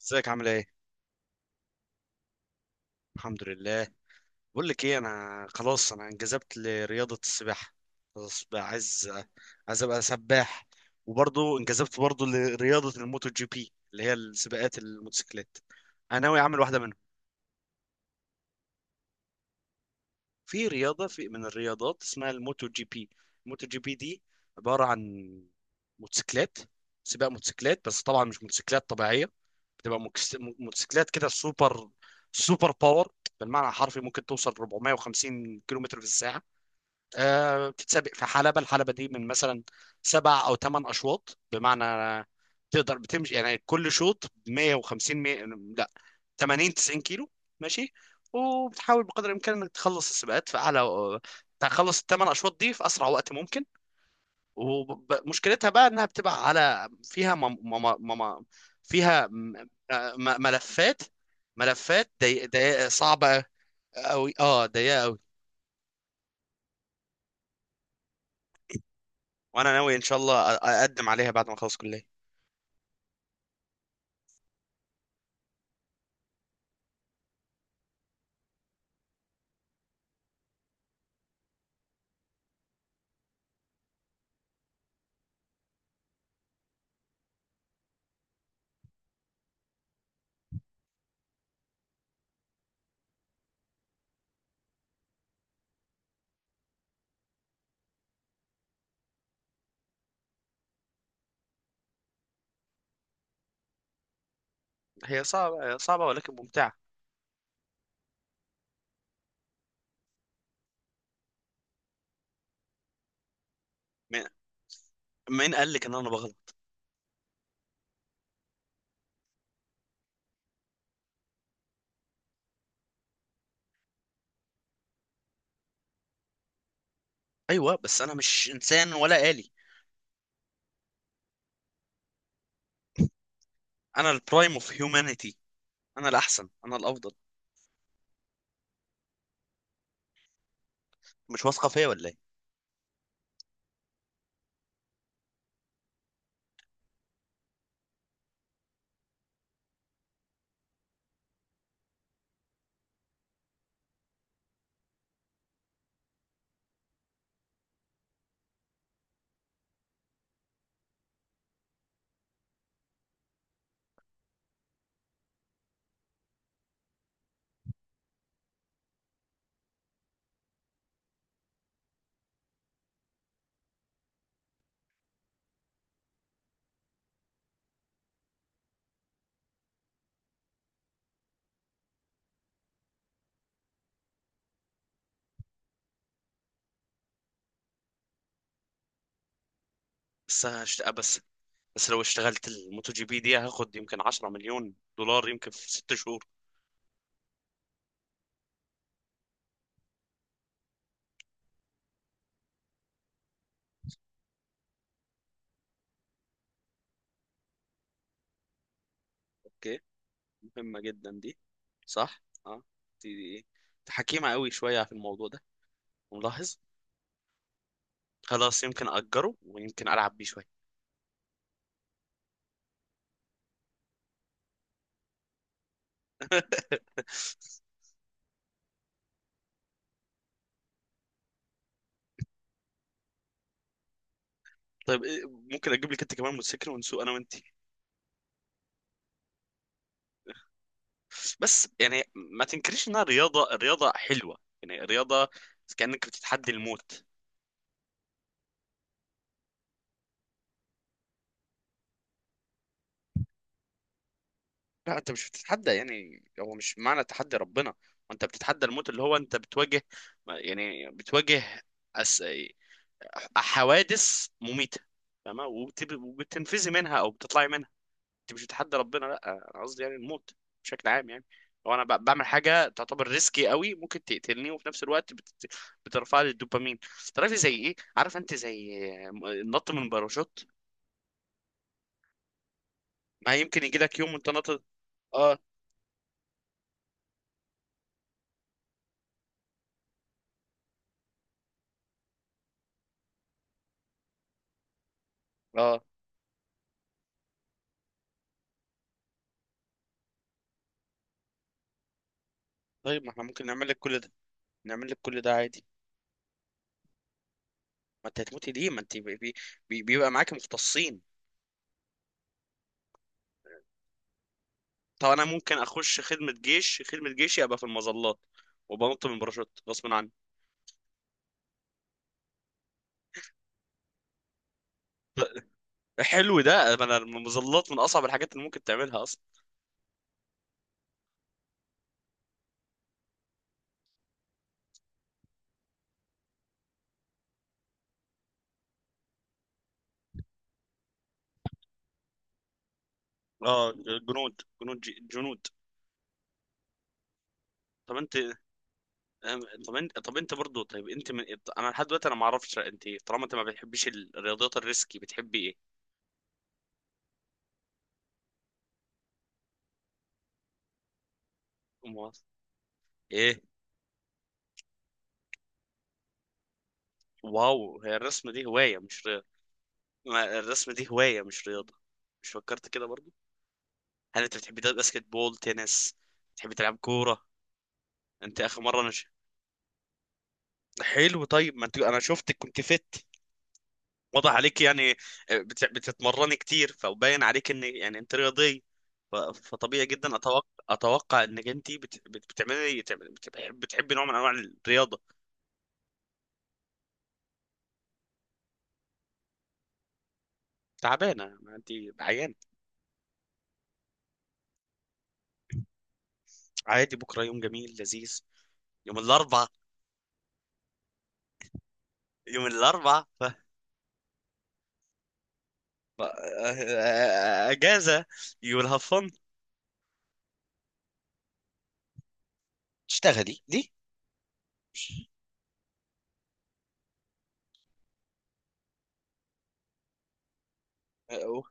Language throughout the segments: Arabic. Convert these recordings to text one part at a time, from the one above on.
ازيك، عامل ايه؟ الحمد لله. بقول لك ايه، انا خلاص، انا انجذبت لرياضه السباحه. خلاص بقى، عايز ابقى سباح. وبرضه انجذبت برضه لرياضه الموتو جي بي اللي هي السباقات الموتوسيكلات. انا ناوي اعمل واحده منهم. في من الرياضات اسمها الموتو جي بي. الموتو جي بي دي عباره عن موتوسيكلات، سباق موتوسيكلات، بس طبعا مش موتوسيكلات طبيعيه. بتبقى موتوسيكلات كده سوبر، سوبر باور. بالمعنى الحرفي، ممكن توصل 450 كيلومتر في الساعه. آه، بتتسابق في حلبه. الحلبه دي من مثلا سبع او ثمان اشواط، بمعنى تقدر بتمشي يعني كل شوط 150، 100، لا، 80، 90 كيلو ماشي. وبتحاول بقدر الامكان انك تخلص السباقات في اعلى، تخلص الثمان اشواط دي في اسرع وقت ممكن. ومشكلتها بقى انها بتبقى على، فيها مم فيها م- م- ملفات ملفات، ضيق ضيق، صعبة قوي، اه، ضيقة قوي. وانا ناوي ان شاء الله اقدم عليها بعد ما اخلص كلية. هي صعبة صعبة، ولكن ممتعة. مين مين قال لك ان انا بغلط؟ ايوه، بس انا مش انسان ولا آلي. انا البرايم اوف هيومانيتي. انا الاحسن، انا الافضل. مش واثقة فيا ولا ايه؟ بس بس لو اشتغلت الموتو جي بي دي، هاخد يمكن 10 مليون دولار يمكن في 6 شهور. اوكي، مهمة جدا دي. صح، اه، دي انت حكيمة قوي شوية في الموضوع ده، ملاحظ. خلاص، يمكن أجره ويمكن ألعب بيه شوية. طيب إيه، ممكن أجيب لك أنت كمان موتوسيكل ونسوق أنا وأنت؟ بس يعني، ما تنكريش إنها رياضة، رياضة حلوة، يعني رياضة. كأنك بتتحدي الموت. لا، أنت مش بتتحدى، يعني هو مش معنى تحدي ربنا. وأنت بتتحدى الموت، اللي هو أنت بتواجه، يعني بتواجه أس... حوادث مميتة، فاهمة؟ وبتنفذي منها أو بتطلعي منها. أنت مش بتحدى ربنا، لأ. أنا قصدي يعني الموت بشكل عام، يعني لو أنا بعمل حاجة تعتبر ريسكي قوي، ممكن تقتلني، وفي نفس الوقت بترفع لي الدوبامين. تعرفي زي إيه؟ عارف أنت، زي النط من باراشوت. ما يمكن يجي لك يوم وأنت نط. آه، آه. طيب، ما احنا ممكن نعمل لك كل ده. نعمل لك كل ده عادي. ما انت هتموتي ليه؟ ما انت بيبقى معاك مختصين. طب انا ممكن اخش خدمه جيشي ابقى في المظلات، وبنط من باراشوت غصب عني. حلو ده. انا المظلات من اصعب الحاجات اللي ممكن تعملها اصلا. اه، جنود. طب انت، طب انت برضه، طيب انت من... انا لحد دلوقتي انا ما اعرفش انت إيه. طالما انت ما بتحبيش الرياضيات الريسكي، بتحبي ايه؟ أمال ايه؟ واو، هي الرسم دي هوايه مش رياضه. ما الرسم دي هوايه مش رياضه. مش فكرت كده برضه. هل انت بتحبي تلعب باسكت بول، تنس؟ بتحبي تلعب كوره؟ انت اخر مره، انا. حلو، طيب ما انت، انا شفتك كنت فت، واضح عليك يعني. آه، بتتمرني كتير، فباين عليك ان يعني انت رياضي. فطبيعي جدا، اتوقع انك انت بت- بت- بتعملي بتحب بتحبي نوع من انواع الرياضه. تعبانه ما انت، عيان. عادي، بكره يوم جميل لذيذ. يوم الاربعاء، يوم الاربعاء ف... ف- اجازه يو ويل هاف فن. تشتغلي ليه؟ أه،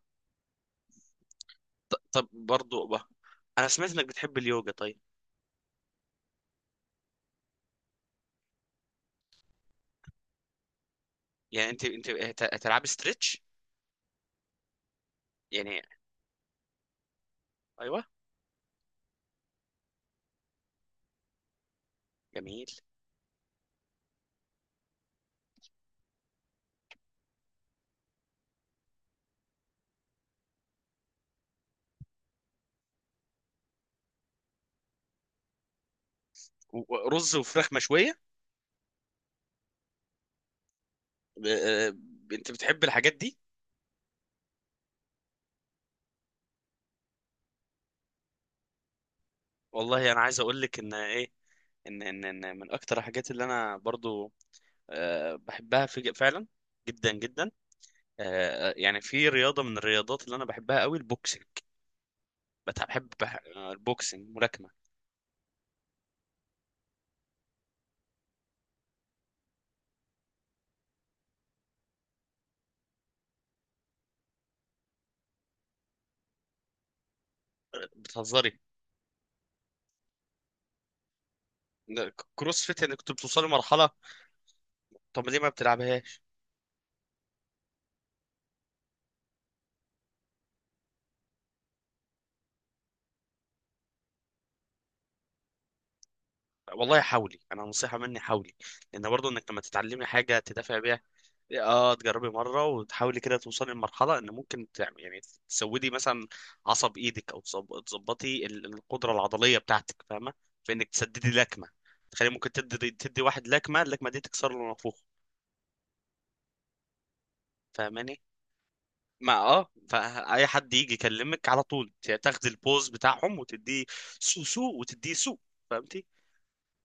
طب برضو بقى. انا سمعت انك بتحب اليوجا، طيب. يعني انت هتلعبي ستريتش، يعني ايوه. جميل. ورز وفراخ مشويه؟ ب- آه، انت بتحب الحاجات دي؟ والله، انا عايز اقول لك ان ايه، ان من اكتر الحاجات اللي انا برضو، بحبها في فعلا، جدا جدا. يعني في رياضه من الرياضات اللي انا بحبها قوي، البوكسنج. بحب البوكسنج ملاكمه. بتهزري؟ ده كروس فيت، يعني كنت بتوصلي مرحله؟ طب ليه ما بتلعبهاش؟ والله حاولي، انا نصيحه مني، حاولي، لان برضو انك لما تتعلمي حاجه تدافع بيها. اه، تجربي مره وتحاولي كده توصلي لمرحله ان ممكن تعمل، يعني تسودي مثلا عصب ايدك، او تظبطي القدره العضليه بتاعتك، فاهمه؟ في انك تسددي لكمه. تخلي ممكن تدي واحد لكمه، اللكمه دي تكسر له نافوخه، فاهماني؟ ما اه، فاي حد يجي يكلمك على طول، تاخدي البوز بتاعهم وتديه سو، سو وتديه سو، فهمتي؟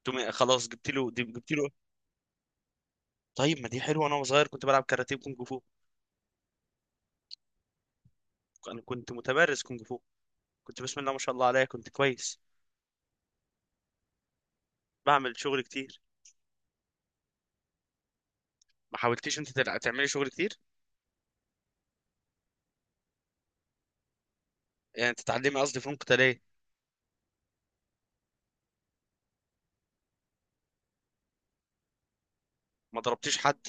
تقومي خلاص، جبت له، جبت له. طيب ما دي حلوه، انا صغير كنت بلعب كاراتيه وكونج فو. انا كنت متمرس كونج فو. كنت، بسم الله ما شاء الله عليا، كنت كويس، بعمل شغل كتير. ما حاولتيش انت تعملي شغل كتير؟ يعني تتعلمي، قصدي، فنون قتاليه. ما ضربتيش حد؟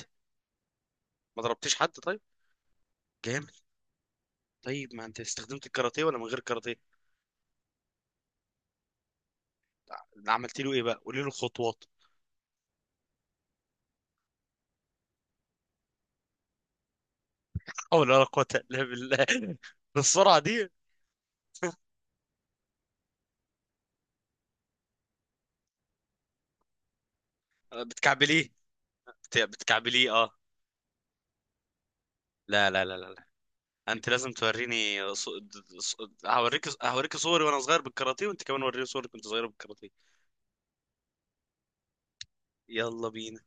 ما ضربتيش حد، طيب؟ جامد. طيب ما انت استخدمت الكاراتيه ولا من غير كاراتيه؟ عملت له ايه بقى، قولي له الخطوات. او، لا لا قوه الا بالله. بالسرعه دي؟ بتكعبليه؟ بتكعبليه، اه. لا لا لا لا لا. انت لازم توريني ص... هوريك صوري وانا صغير بالكاراتيه، وانت كمان وريني صورك وانت صغير بالكاراتيه. يلا بينا.